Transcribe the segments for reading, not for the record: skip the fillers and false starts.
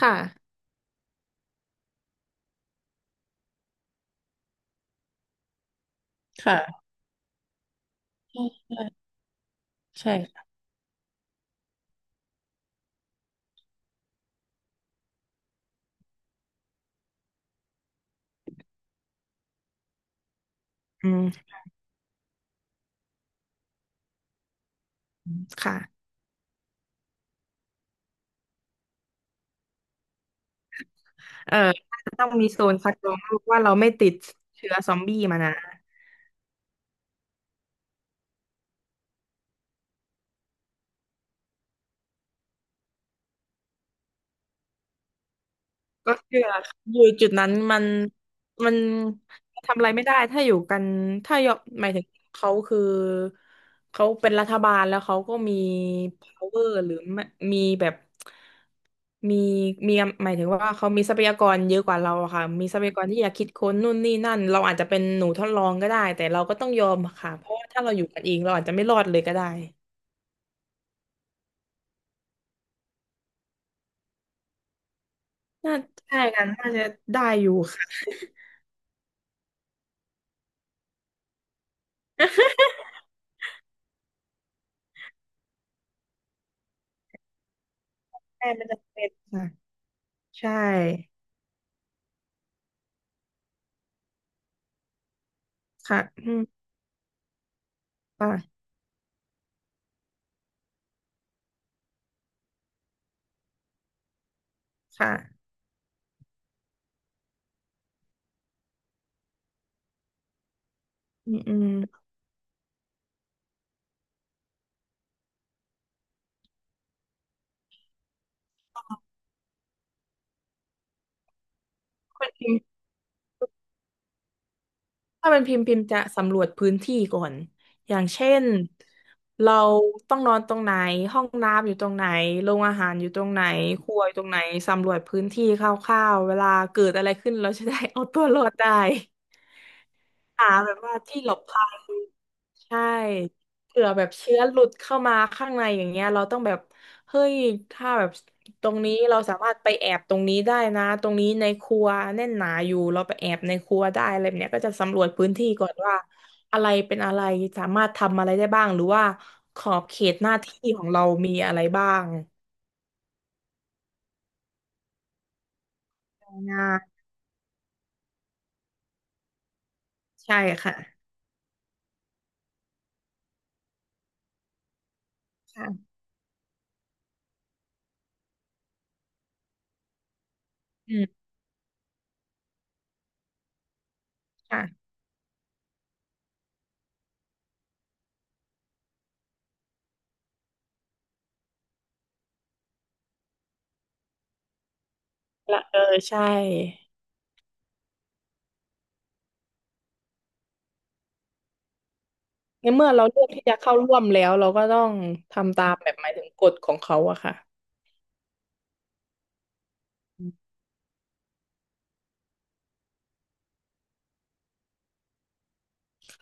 ค่ะ ค่ะใช่ใช่ใช่ อืม ค่ะ เอ่อน่าจะต้องมีโซนคัดกรองโรคว่าเราไม่ติดเชื้อซอมบี้มานะ อยู่จุดนั้นมันทำอะไรไม่ได้ถ้าอยู่กันถ้ายอมหมายถึงเขาคือเขาเป็นรัฐบาลแล้วเขาก็มี power หรือไม่มีแบบมีมีหมายถึงว่าเขามีทรัพยากรเยอะกว่าเราอะค่ะมีทรัพยากรที่อยากคิดค้นนู่นนี่นั่นเราอาจจะเป็นหนูทดลองก็ได้แต่เราก็ต้องยอมค่ะเพราะว่าถ้าเราอยู่กันเองเราอาจจะไม่รอดเลยก็ได้น่าใช่กันน่าจะได้อยู่ค่ะ ใช่มันจะเป็นค่ะใช่ค่ะอืม ค่ะค่ะอืมอืมถ้าเป็นพิมพ์ถ้าเป็นพิมพ์พิมพ์จะสำรวจพื้นที่ก่อนอย่างเช่นเราต้องนอนตรงไหนห้องน้ำอยู่ตรงไหนโรงอาหารอยู่ตรงไหนครัวอยู่ตรงไหนสำรวจพื้นที่คร่าวๆเวลาเกิดอะไรขึ้นเราจะได้ เอาตัวรอดได้ หาแบบว่าที่หลบภัยใช่เผื่อแบบเชื้อหลุดเข้ามาข้างในอย่างเงี้ยเราต้องแบบเฮ้ยถ้าแบบตรงนี้เราสามารถไปแอบตรงนี้ได้นะตรงนี้ในครัวแน่นหนาอยู่เราไปแอบในครัวได้อะไรแบบเนี้ยก็จะสำรวจพื้นที่ก่อนว่าอะไรเป็นอะไรสามารถทำอะไรได้บ้างหรือว่าขอบเขตหน้าที่ของเรามีอะไรบ้างงานใช่ค่ะค่ะอืมค่ะละเออใช่ ในเมื่อเราเลือกที่จะเข้าร่วมแล้วเราก็ต้องทำตามแบบหมายถึงกฎของเขาอะค่ะ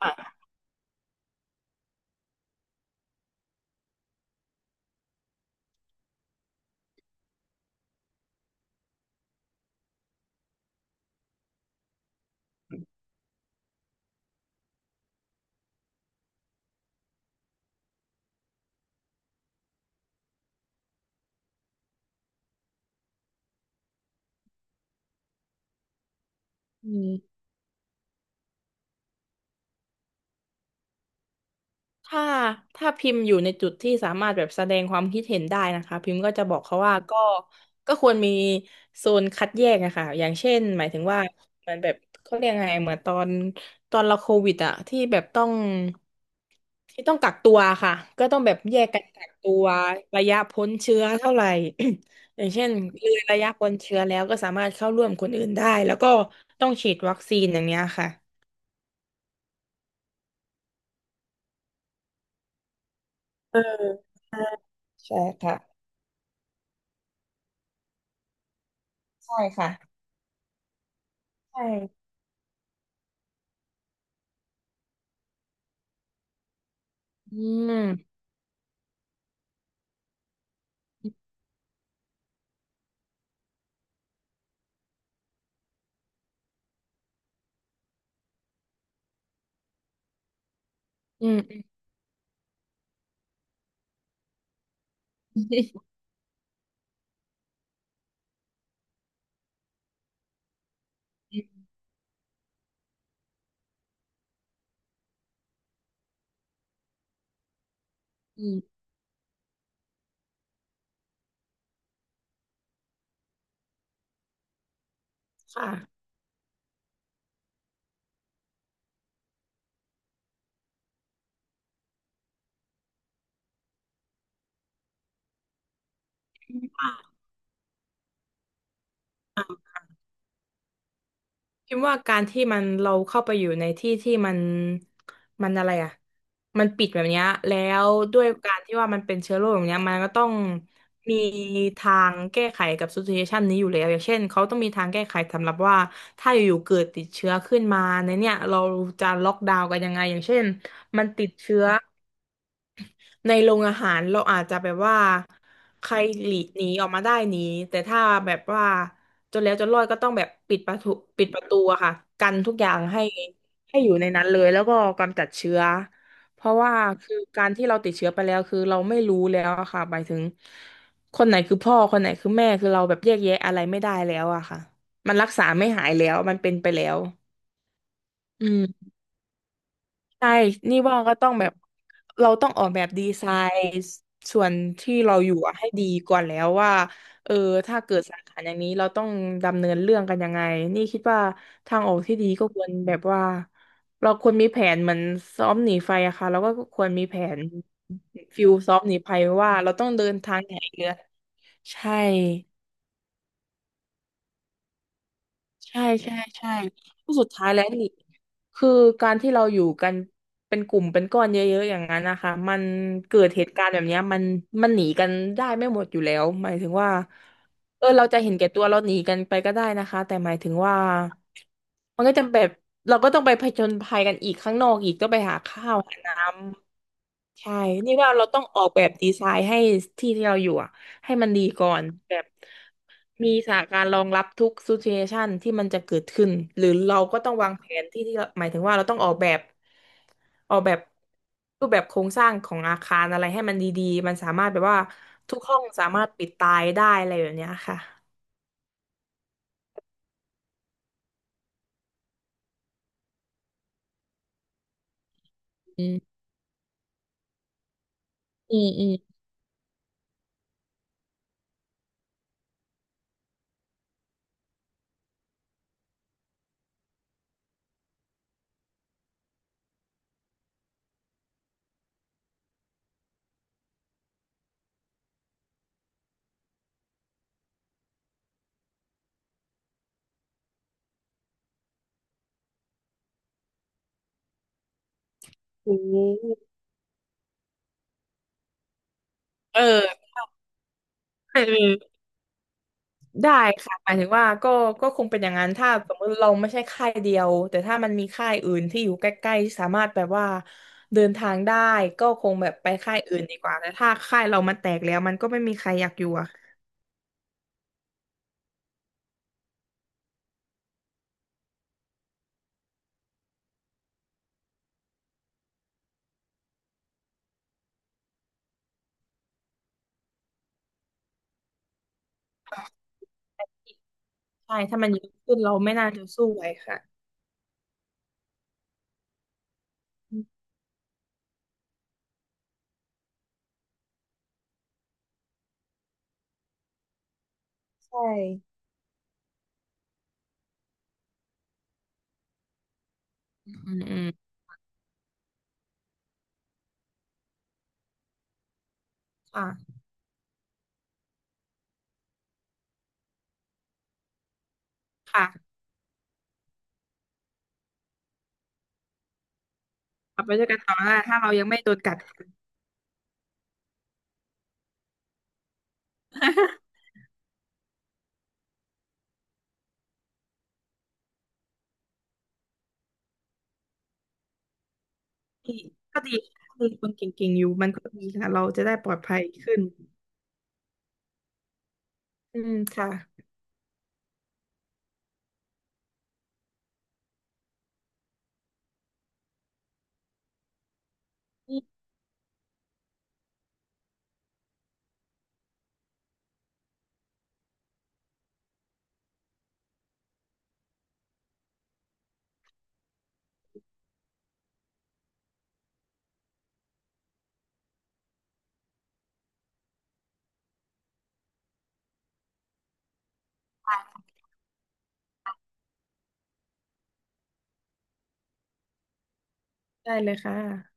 ค่ะอืม ถ้าถ้าพิมพ์อยู่ในจุดที่สามารถแบบแสดงความคิดเห็นได้นะคะพิมพ์ก็จะบอกเขาว่าก็ควรมีโซนคัดแยกนะคะอย่างเช่นหมายถึงว่าเหมันแบบเขาเรียกไงเหมือนตอนเราโควิดอะที่แบบต้องที่ต้องกักตัวค่ะก็ต้องแบบแยกกันกักตัวระยะพ้นเชื้อเท่าไหร่ อย่างเช่นเลยระยะพ้นเชื้อแล้วก็สามารถเข้าร่วมคนอื่นได้แล้วก็ต้องฉีดวัคซีนอย่างเนี้ยค่ะเออใช่ใช่ค่ะใช่ค่ะใช่ อืมอืมอืมอืมค่ะพิมพ์ว่าการที่มันเราเข้าไปอยู่ในที่ที่มันอะไรอ่ะมันปิดแบบเนี้ยแล้วด้วยการที่ว่ามันเป็นเชื้อโรคแบบเนี้ยมันก็ต้องมีทางแก้ไขกับซิทูเอชันนี้อยู่แล้วอย่างเช่นเขาต้องมีทางแก้ไขสำหรับว่าถ้าอยู่ๆเกิดติดเชื้อขึ้นมาในเนี่ยเราจะล็อกดาวน์กันยังไงอย่างเช่นมันติดเชื้อ ในโรงอาหารเราอาจจะแบบว่าใครหลีกหนีออกมาได้หนีแต่ถ้าแบบว่าจนแล้วจนรอดก็ต้องแบบปิดประตูอะค่ะกันทุกอย่างให้ให้อยู่ในนั้นเลยแล้วก็กำจัดเชื้อเพราะว่าคือการที่เราติดเชื้อไปแล้วคือเราไม่รู้แล้วอะค่ะหมายถึงคนไหนคือพ่อคนไหนคือแม่คือเราแบบแยกแยะอะไรไม่ได้แล้วอะค่ะมันรักษาไม่หายแล้วมันเป็นไปแล้วอืม ใช่นี่ว่าก็ต้องแบบเราต้องออกแบบดีไซน์ส่วนที่เราอยู่อะให้ดีก่อนแล้วว่าเออถ้าเกิดสาขาอย่างนี้เราต้องดำเนินเรื่องกันยังไงนี่คิดว่าทางออกที่ดีก็ควรแบบว่าเราควรมีแผนเหมือนซ้อมหนีไฟอะค่ะเราก็ควรมีแผนฟิลซ้อมหนีไฟว่าเราต้องเดินทางไหนเรือใช่ ใช่ใช่ใช่ก็สุดท้ายแล้วนี่คือการที่เราอยู่กันเป็นกลุ่มเป็นก้อนเยอะๆอย่างนั้นนะคะมันเกิดเหตุการณ์แบบเนี้ยมันหนีกันได้ไม่หมดอยู่แล้วหมายถึงว่าเออเราจะเห็นแก่ตัวเราหนีกันไปก็ได้นะคะแต่หมายถึงว่ามันก็จะแบบเราก็ต้องไปผจญภัยกันอีกข้างนอกอีกต้องไปหาข้าวหาน้ำ ใช่นี่ว่าเราต้องออกแบบดีไซน์ให้ที่ที่เราอยู่อะให้มันดีก่อนแบบมีสถานการณ์รองรับทุกซิเเอชันที่มันจะเกิดขึ้นหรือเราก็ต้องวางแผนที่ที่เราหมายถึงว่าเราต้องออกแบบรูปแบบโครงสร้างของอาคารอะไรให้มันดีๆมันสามารถแบบว่าทุกห้องสามารถปิดตายได้อะไรแบบเนี้ยค่ะอืมอืมอืม ได้ค่ะหมายถึงว่าก็คงเป็นอย่างนั้นถ้าสมมติเราไม่ใช่ค่ายเดียวแต่ถ้ามันมีค่ายอื่นที่อยู่ใกล้ๆที่สามารถแบบว่าเดินทางได้ก็คงแบบไปค่ายอื่นดีกว่าแต่ถ้าค่ายเรามันแตกแล้วมันก็ไม่มีใครอยากอยู่อะใช่ถ้ามันเยอะขึ้นเราไม่น่าจะสู้ไหวค่ะใช่อืมอืมค่ะค่ะเอาไปด้วยกันต่อได้ถ้าเรายังไม่โดนกัด ดีก็ดีก็ดีคนเก่งๆอยู่มันก็ดีค่ะเราจะได้ปลอดภัยขึ้นอืมค่ะได้เลยค่ะ